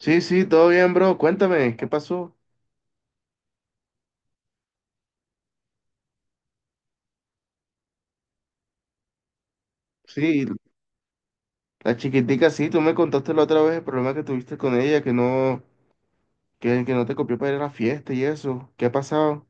Sí, sí, todo bien, bro. Cuéntame, ¿qué pasó? Sí, la chiquitica, sí, tú me contaste la otra vez el problema que tuviste con ella, que no, que no te copió para ir a la fiesta y eso. ¿Qué ha pasado?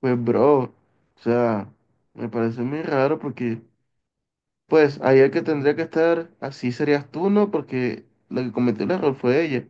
Pues, bro, o sea, me parece muy raro porque, pues, ahí el que tendría que estar así serías tú, ¿no? Porque la que cometió el error fue ella.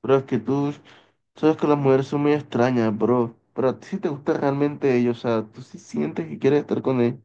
Pero es que tú sabes que las mujeres son muy extrañas, bro. Pero a ti sí te gusta realmente ellos, o sea, tú sí sientes que quieres estar con él.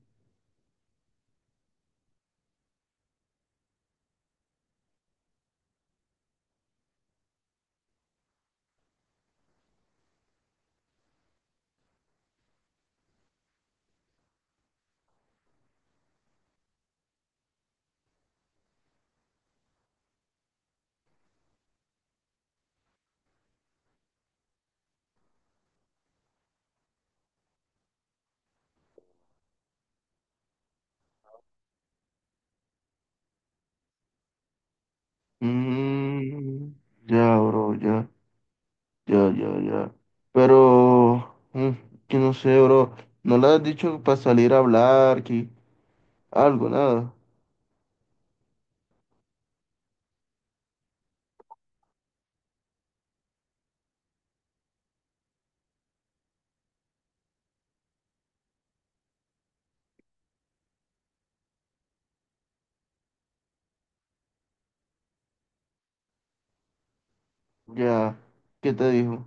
Mm, ya, bro, ya, ya, ya, ya. Pero, mm, que no sé, bro. ¿No le has dicho para salir a hablar, que algo, nada? Ya, ¿qué te dijo?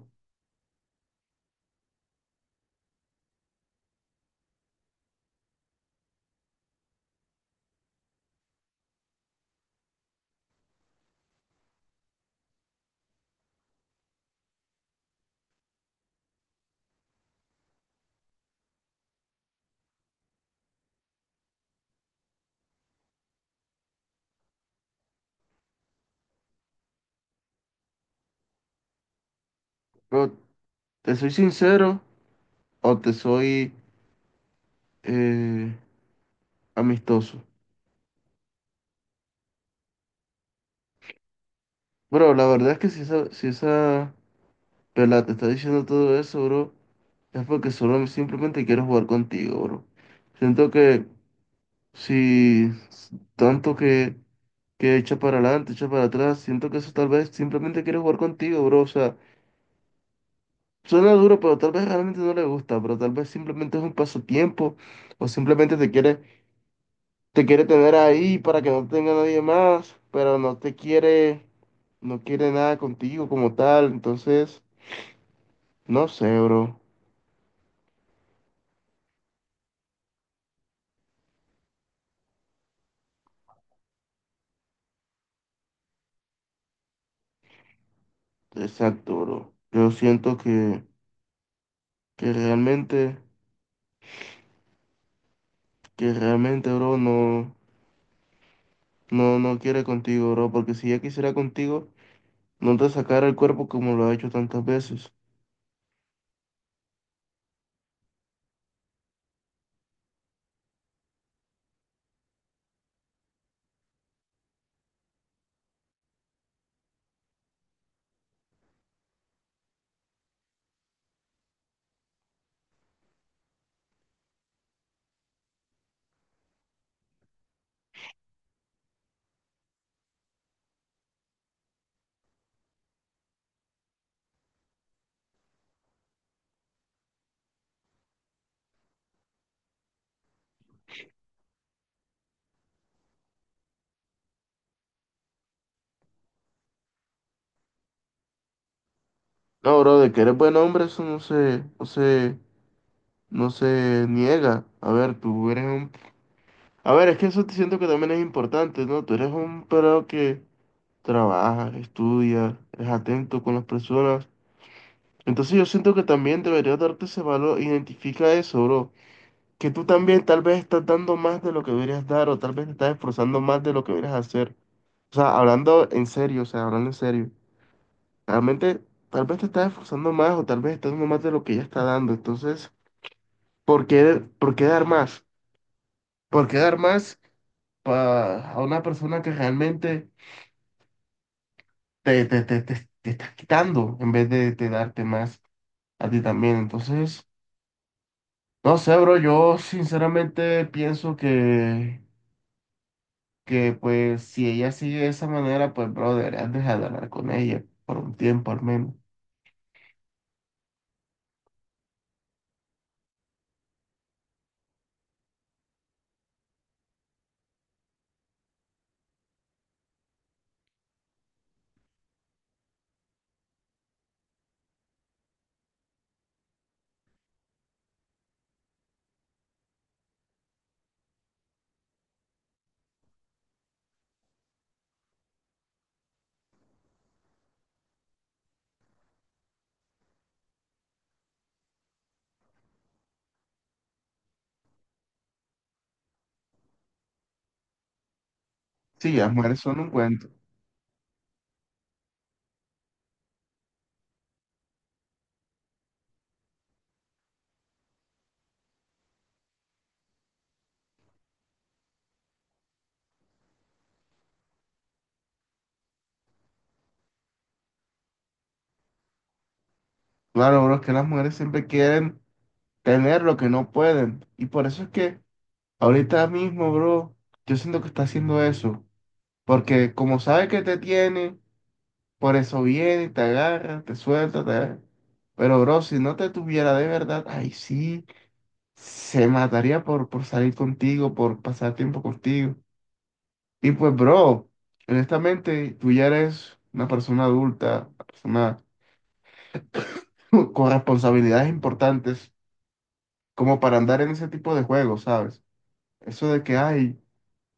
Bro, ¿te soy sincero o te soy eh, amistoso? Bro, la verdad es que si esa, si esa pelada te está diciendo todo eso, bro, es porque solo simplemente quiero jugar contigo, bro. Siento que si tanto que echa para adelante, echa para atrás. Siento que eso tal vez simplemente quiere jugar contigo, bro. O sea, suena duro, pero tal vez realmente no le gusta, pero tal vez simplemente es un pasatiempo o simplemente te quiere tener ahí para que no tenga nadie más, pero no te quiere, no quiere nada contigo como tal. Entonces, no sé, bro. Exacto, bro. Yo siento que realmente, que realmente, bro, no, no quiere contigo, bro, porque si ya quisiera contigo no te sacara el cuerpo como lo ha hecho tantas veces. No, bro, de que eres buen hombre, eso no se, no se, no se niega. A ver, tú eres un... A ver, es que eso te siento que también es importante, ¿no? Tú eres un pelado que trabaja, estudia, es atento con las personas. Entonces yo siento que también deberías darte ese valor. Identifica eso, bro. Que tú también tal vez estás dando más de lo que deberías dar o tal vez te estás esforzando más de lo que deberías hacer. O sea, hablando en serio, o sea, hablando en serio. Realmente, tal vez te estás esforzando más o tal vez estás dando más de lo que ya está dando. Entonces, por qué dar más? ¿Por qué dar más a una persona que realmente te está quitando en vez de darte más a ti también? Entonces, no sé, bro, yo sinceramente pienso que pues si ella sigue de esa manera, pues, bro, deberías dejar de hablar con ella por un tiempo al menos. Sí, las mujeres son un cuento. Claro, bro, es que las mujeres siempre quieren tener lo que no pueden. Y por eso es que ahorita mismo, bro, yo siento que está haciendo eso. Porque como sabe que te tiene, por eso viene, y te agarra, te suelta, te agarra. Pero, bro, si no te tuviera de verdad, ay, sí, se mataría por salir contigo, por pasar tiempo contigo. Y pues, bro, honestamente, tú ya eres una persona adulta, una persona con responsabilidades importantes como para andar en ese tipo de juegos, ¿sabes? Eso de que, ay,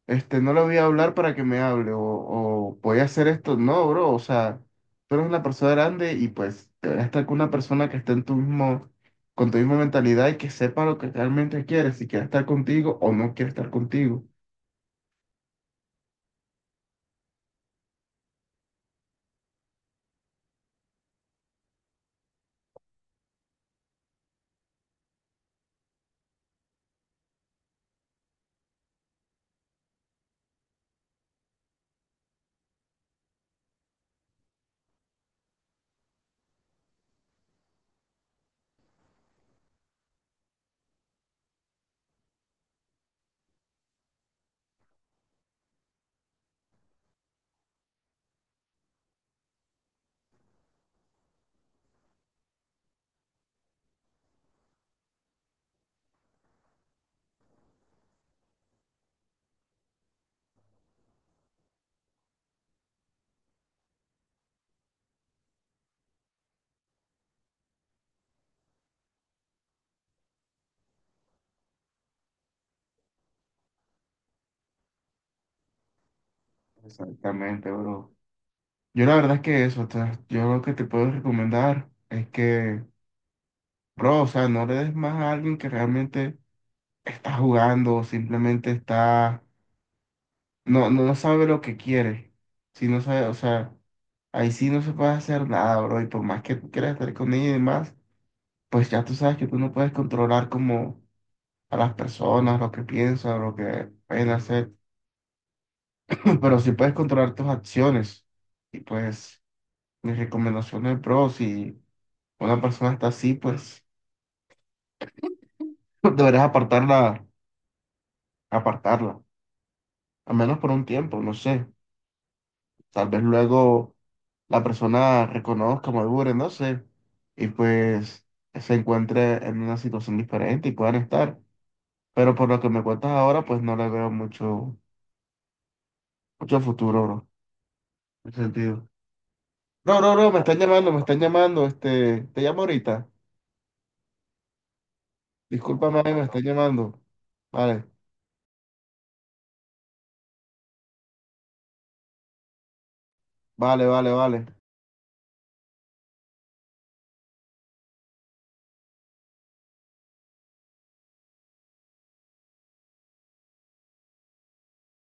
este, no le voy a hablar para que me hable, o voy a hacer esto. No, bro, o sea, tú eres una persona grande y pues deberías estar con una persona que esté en tu mismo, con tu misma mentalidad y que sepa lo que realmente quieres, si quiere estar contigo o no quiere estar contigo. Exactamente, bro. Yo la verdad es que eso, o sea, yo lo que te puedo recomendar es que, bro, o sea, no le des más a alguien que realmente está jugando o simplemente está no, no sabe lo que quiere. Si no sabe, o sea, ahí sí no se puede hacer nada, bro. Y por más que tú quieras estar con ella y demás, pues ya tú sabes que tú no puedes controlar como a las personas, lo que piensan, lo que pueden hacer. Pero sí puedes controlar tus acciones. Y pues, mis recomendaciones, bro, si una persona está así, pues deberás apartarla, apartarla. Al menos por un tiempo, no sé. Tal vez luego. La persona reconozca, madure, no sé, y pues se encuentre en una situación diferente y puedan estar. Pero por lo que me cuentas ahora, pues no le veo mucho, mucho futuro, bro, en ese sentido. No, no, no, me están llamando, este, te llamo ahorita. Discúlpame, me están llamando. Vale, vale, vale, vale.